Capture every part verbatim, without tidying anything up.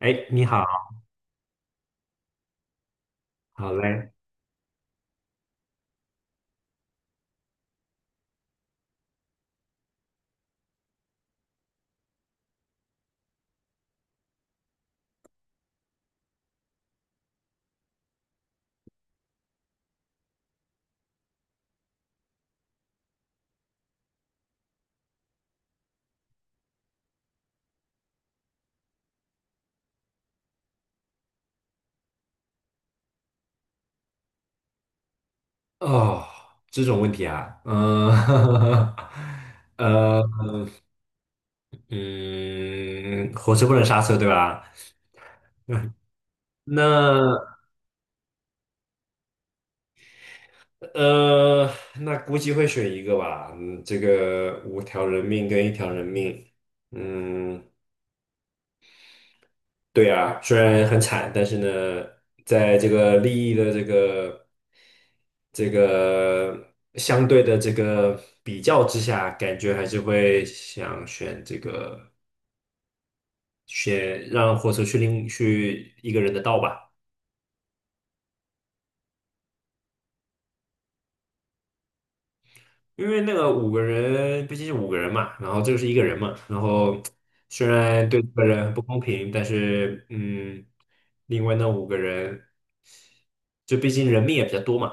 哎，你好，好嘞。哦，这种问题啊，嗯、呃，嗯，火车不能刹车，对吧？那呃，那估计会选一个吧。嗯，这个五条人命跟一条人命，嗯，对啊，虽然很惨，但是呢，在这个利益的这个这个相对的这个比较之下，感觉还是会想选这个选让火车去另去一个人的道吧，因为那个五个人毕竟是五个人嘛，然后这个是一个人嘛，然后虽然对这个人很不公平，但是嗯，另外那五个人就毕竟人命也比较多嘛，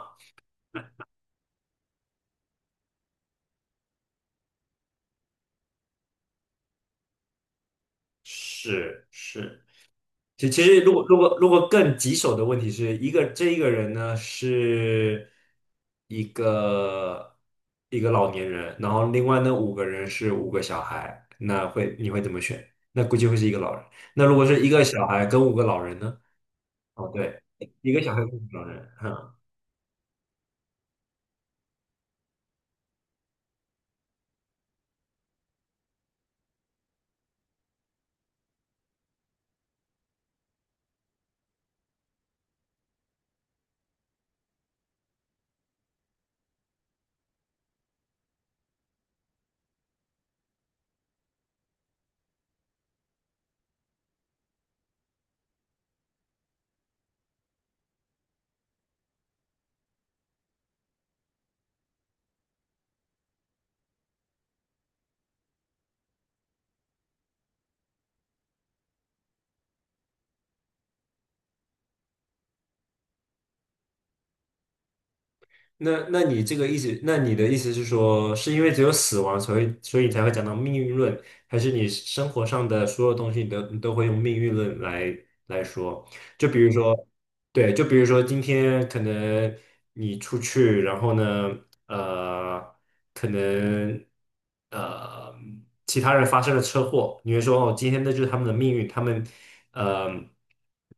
是是。其其实，如果如果如果更棘手的问题是一个这一个人呢是一个一个老年人，然后另外那五个人是五个小孩，那会你会怎么选？那估计会是一个老人。那如果是一个小孩跟五个老人呢？哦，对，一个小孩跟五个老人，哈、那那你这个意思，那你的意思是说，是因为只有死亡，所以所以你才会讲到命运论，还是你生活上的所有东西你都你都会用命运论来来说？就比如说。对，就比如说今天可能你出去，然后呢，呃，可能呃其他人发生了车祸，你会说哦，今天那就是他们的命运，他们呃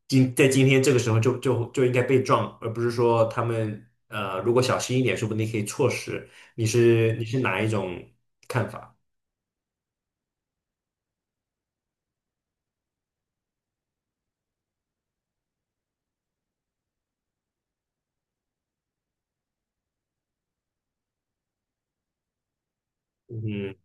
今在今天这个时候就就就应该被撞，而不是说他们呃如果小心一点，说不定可以错失。你是你是哪一种看法？嗯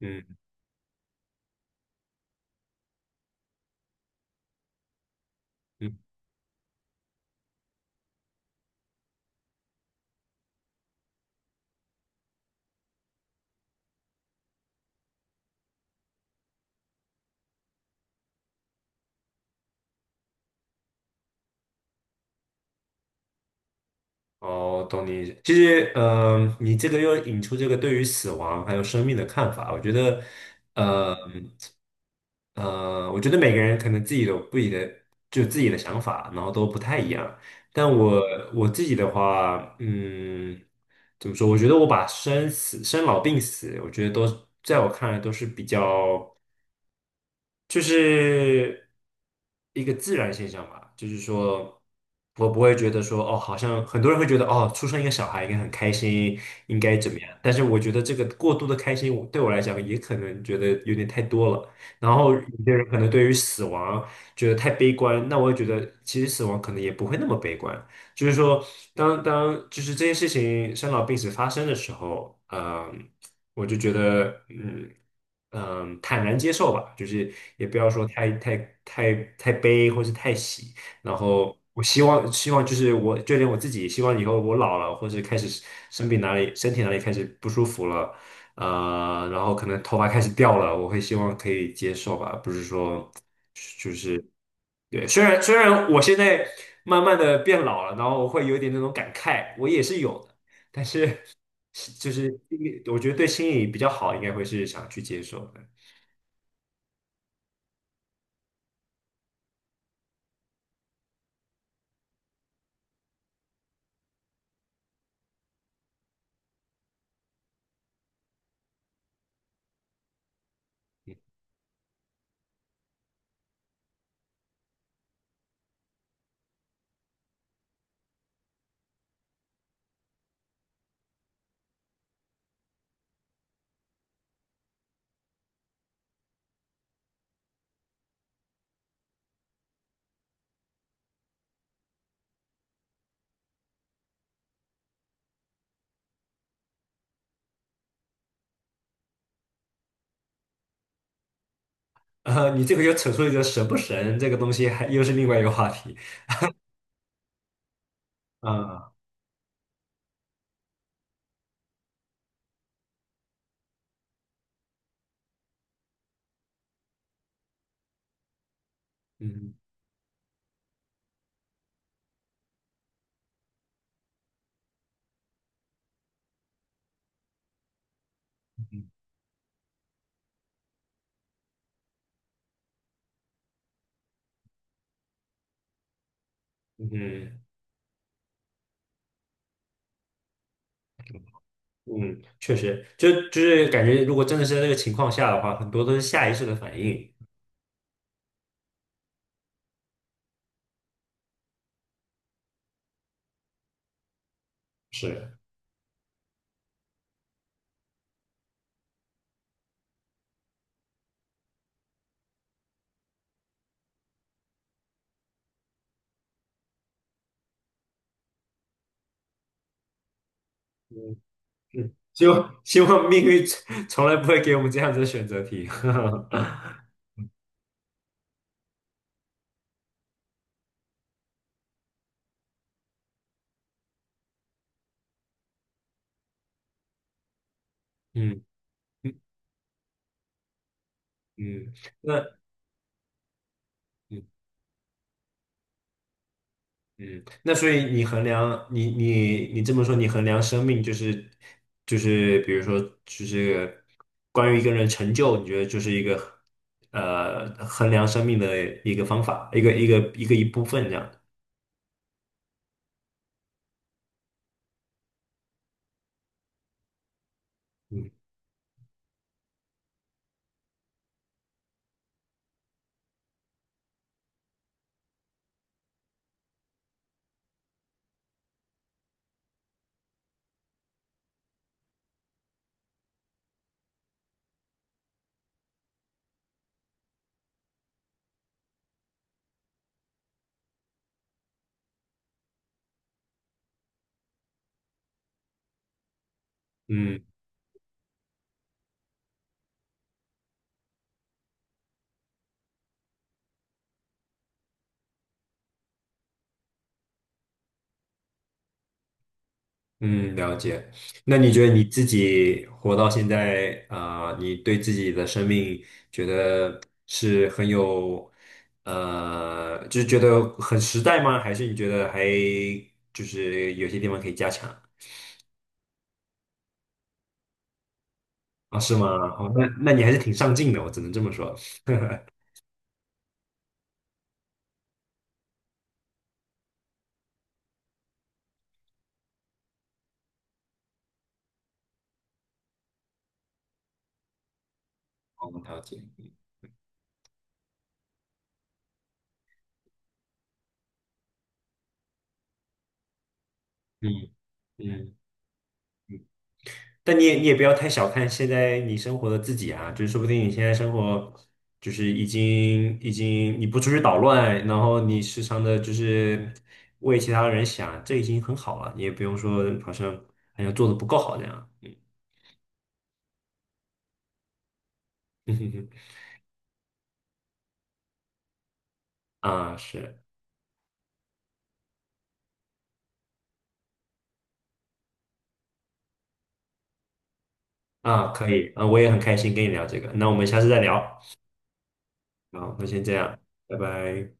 嗯。哦，懂你意思。其实，嗯、你这个又引出这个对于死亡还有生命的看法。我觉得，呃，呃，我觉得每个人可能自己有不己的，就自己的想法，然后都不太一样。但我我自己的话，嗯，怎么说？我觉得我把生死、生老病死，我觉得都在我看来都是比较。就是一个自然现象吧，就是说，我不会觉得说，哦，好像很多人会觉得，哦，出生一个小孩应该很开心，应该怎么样？但是我觉得这个过度的开心，我对我来讲也可能觉得有点太多了。然后有些人可能对于死亡觉得太悲观，那我也觉得其实死亡可能也不会那么悲观。就是说，当当就是这件事情生老病死发生的时候，嗯，我就觉得，嗯嗯，坦然接受吧，就是也不要说太太太太悲或是太喜。然后我希望希望就是我就连我自己，希望以后我老了或者开始生病哪里身体哪里开始不舒服了，呃，然后可能头发开始掉了，我会希望可以接受吧，不是说。对，虽然虽然我现在慢慢的变老了，然后我会有点那种感慨，我也是有的，但是是就是心理我觉得对心理比较好，应该会是想去接受的。呃，你这个又扯出一个神不神这个东西还，又是另外一个话题啊，嗯嗯嗯嗯，确实，就就是感觉如果真的是在这个情况下的话，很多都是下意识的反应，是，嗯嗯，希望希望命运从从来不会给我们这样子的选择题，嗯。嗯嗯，那嗯嗯，那所以你衡量你你你这么说，你衡量生命就是就是比如说就是关于一个人成就，你觉得就是一个呃衡量生命的一个方法，一个一个一个一部分这样。嗯嗯。嗯，了解。那你觉得你自己活到现在啊，呃你对自己的生命觉得是很有，呃，就是觉得很实在吗？还是你觉得还就是有些地方可以加强啊？是吗？哦，那那你还是挺上进的，我只能这么说。我了解。嗯嗯。但你也你也不要太小看现在你生活的自己啊，就是说不定你现在生活就是已经已经你不出去捣乱，然后你时常的就是为其他人想，这已经很好了，你也不用说好像好像做的不够好这样。嗯，啊是啊，可以啊，我也很开心跟你聊这个，那我们下次再聊。好，那先这样，拜拜。